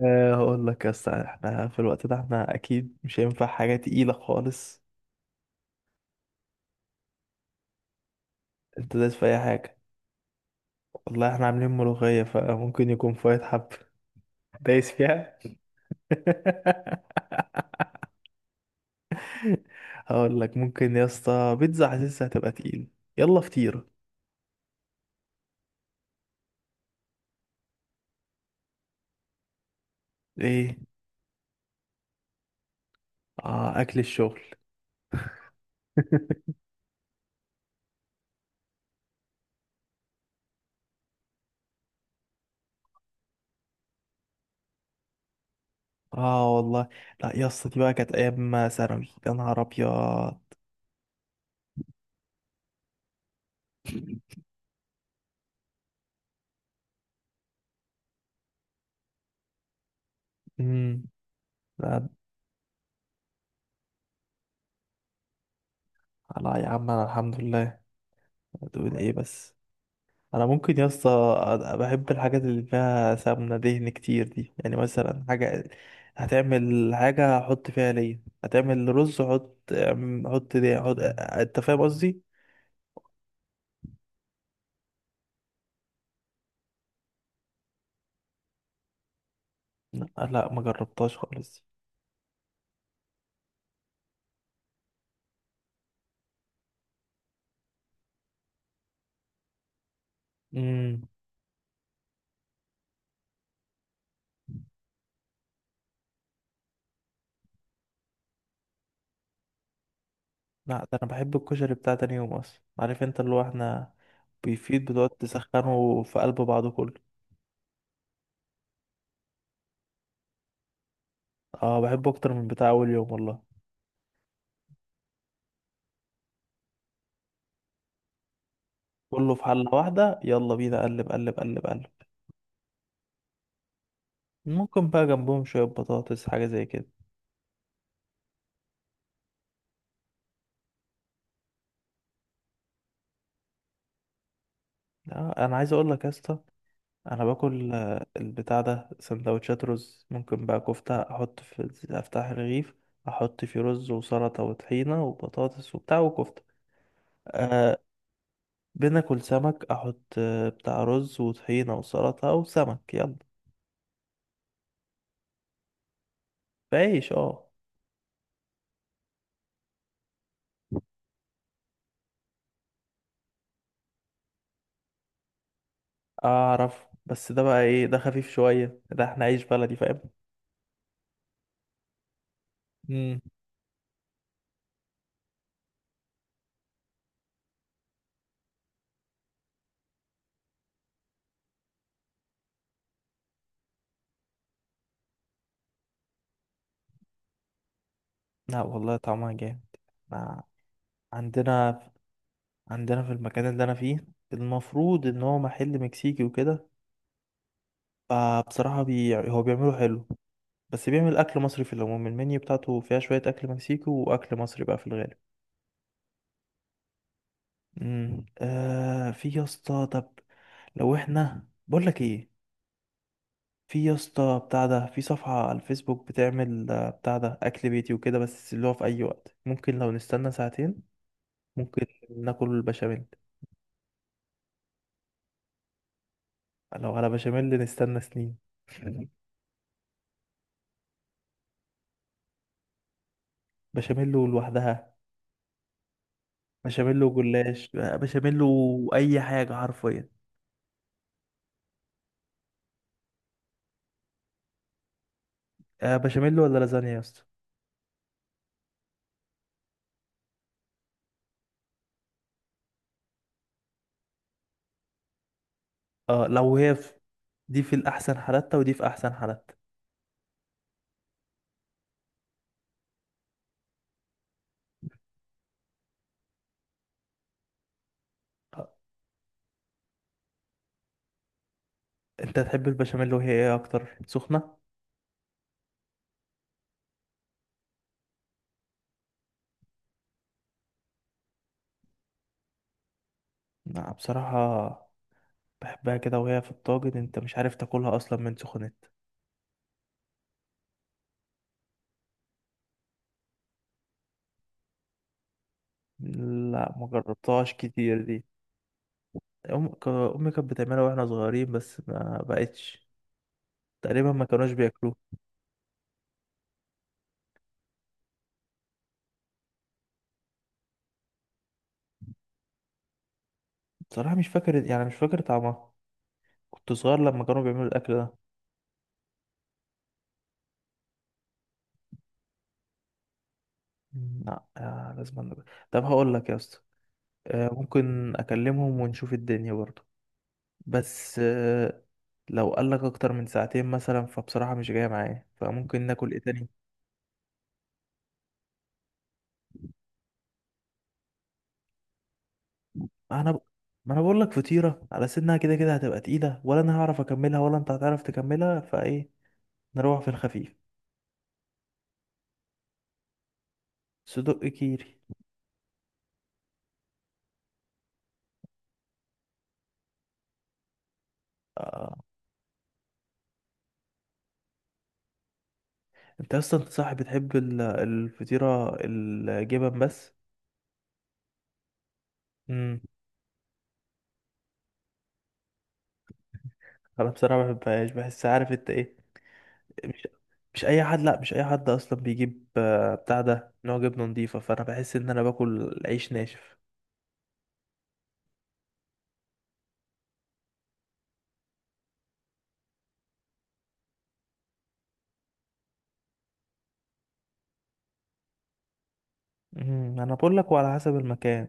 هقول لك يا اسطى، احنا في الوقت ده احنا اكيد مش هينفع حاجه تقيله خالص. انت دايس في اي حاجه؟ والله احنا عاملين ملوخيه، فممكن يكون فايت حب. دايس فيها. هقول لك ممكن يا اسطى، بيتزا حاسسها هتبقى تقيل. يلا فطير. ايه. اه، اكل الشغل. اه والله. لا يا اسطى، دي بقى كانت ايام ثانوي، يا نهار ابيض. امم. لا لا يا عم، انا الحمد لله. تقول ايه بس؟ انا ممكن يا اسطى، بحب الحاجات اللي فيها سمنه دهن كتير دي، يعني مثلا حاجه هتعمل حاجه احط فيها ليا، هتعمل رز احط دي احط. انت فاهم قصدي؟ لا لا، ما جربتهاش خالص. امم. لا، ده انا بحب الكشري بتاع تاني يوم اصلا، عارف انت اللي هو احنا بيفيد، بتقعد تسخنه في قلب بعضه كله. اه، بحبه اكتر من بتاع اول يوم والله. كله في حله واحده، يلا بينا قلب قلب قلب قلب. ممكن بقى جنبهم شويه بطاطس، حاجه زي كده. انا عايز اقول لك يا اسطى، انا باكل البتاع ده سندوتشات رز، ممكن بقى كفته احط في، افتح الرغيف، احط فيه رز وسلطه وطحينه وبطاطس وبتاع وكفته. أه. بناكل سمك احط بتاع رز وطحينه وسلطه وسمك، يلا. بعيش، اه. اعرف، بس ده بقى ايه ده؟ خفيف شويه ده، احنا عيش بلدي، فاهم؟ امم. لا والله طعمها جامد. ما- عندنا عندنا في المكان اللي انا فيه، المفروض ان هو محل مكسيكي وكده. فبصراحة هو بيعمله حلو. بس بيعمل أكل مصري، في العموم المنيو بتاعته فيها شوية أكل مكسيكي وأكل مصري بقى في الغالب. امم. في يا اسطى، طب لو احنا، بقول لك ايه، في يا اسطى بتاع ده، في صفحة على الفيسبوك بتعمل بتاع ده أكل بيتي وكده، بس اللي هو في أي وقت ممكن لو نستنى ساعتين، ممكن ناكل بشاميل. لو على بشاميل نستنى سنين. بشاميل لوحدها. بشاميل وجلاش، بشاميل وأي حاجة حرفيا. بشاميل ولا لازانيا يا اسطى؟ اه، لو هي في، دي في الأحسن حالاتها ودي في أحسن حالاتها. آه، أنت تحب البشاميل وهي إيه أكتر، سخنة؟ لا بصراحة، بحبها كده وهي في الطاجن، أنت مش عارف تاكلها أصلا من سخنت. لا، ما جربتهاش كتير دي. أمي كانت بتعملها وإحنا صغيرين، بس ما بقتش تقريبا، ما كانوش بياكلوه. بصراحة مش فاكر، يعني مش فاكر طعمها، كنت صغير لما كانوا بيعملوا الأكل ده. مم، لا، لازم طب هقول لك يا اسطى، ممكن أكلمهم ونشوف الدنيا برضه. بس لو قال لك اكتر من ساعتين مثلا، فبصراحة مش جاية معايا، فممكن ناكل ايه تاني؟ انا ب... ما انا بقول لك، فطيرة على سنها كده كده هتبقى تقيلة، ولا انا هعرف اكملها ولا انت هتعرف تكملها، فايه، نروح في الخفيف. صدق كيري. آه. انت اصلا صاحب بتحب الفطيرة الجبن بس. امم. انا بصراحة ما بحبهاش، بحس، عارف انت ايه، مش مش اي حد، لا مش اي حد اصلا بيجيب بتاع ده نوع جبنة نضيفة، فانا بحس ان انا باكل عيش ناشف. مم، انا بقول لك، وعلى حسب المكان.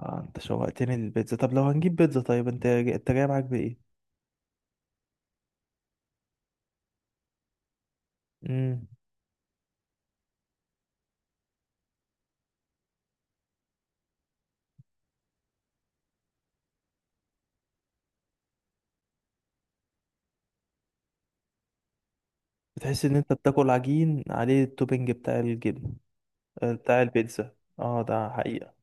آه، انت شوقتني للبيتزا. طب لو هنجيب بيتزا، طيب انت جاي معاك بايه؟ امم. بتحس ان انت بتاكل عجين عليه التوبينج بتاع الجبن. بتاع البيتزا، اه، ده حقيقة.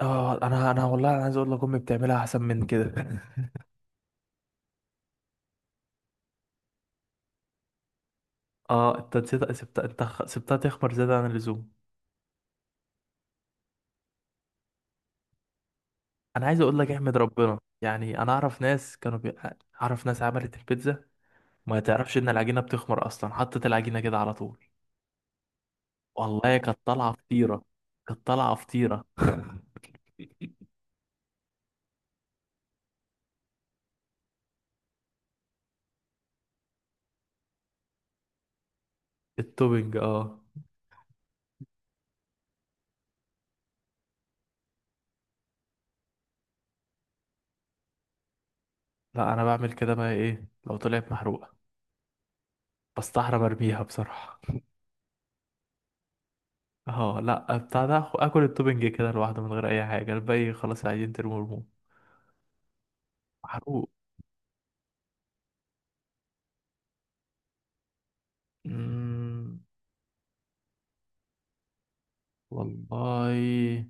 اه، انا والله انا عايز اقول لك، امي بتعملها احسن من كده. اه، انت نسيت، سبتها تخمر زيادة عن اللزوم. انا عايز اقول لك احمد ربنا، يعني انا اعرف ناس كانوا اعرف ناس عملت البيتزا، ما تعرفش ان العجينة بتخمر اصلا، حطت العجينة كده على طول. والله كانت طالعة فطيرة. كانت طالعة فطيرة. التوبنج، اه. لا انا بعمل كده، بقى ايه، لو طلعت محروقة بستحرم ارميها بصراحة. اه، لا، بتاع ده، اكل التوبنج كده لوحده من غير اي حاجة، الباقي خلاص عايزين ترموه ارموه. محروق. مم. والله،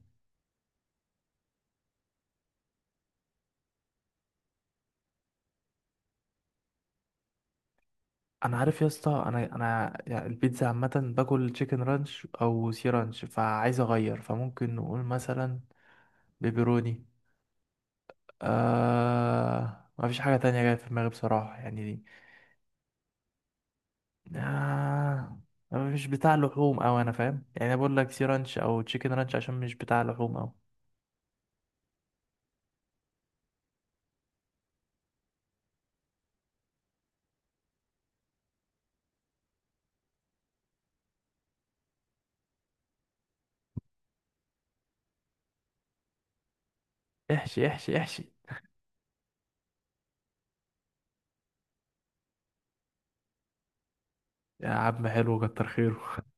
انا عارف يا اسطى انا يعني البيتزا عامة باكل تشيكن رانش او سي رانش، فعايز اغير، فممكن نقول مثلا بيبروني. آه، ما فيش حاجة تانية جاية في دماغي بصراحة يعني دي. آه، أنا مش بتاع لحوم أوي، أنا فاهم يعني، أنا بقول لك سي رانش أو تشيكن رانش عشان مش بتاع لحوم أوي. احشي احشي احشي. يا عم حلو، كتر خيره.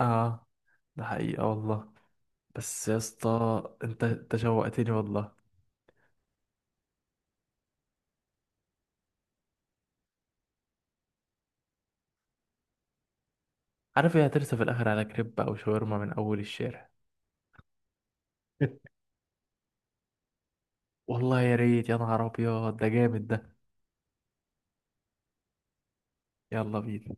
اه ده حقيقة والله. بس يا اسطى انت شوقتني والله. عارف ايه، هترسى في الاخر على كريب او شاورما من اول الشارع. والله يا ريت، يا نهار ابيض، ده جامد ده. يلا بينا.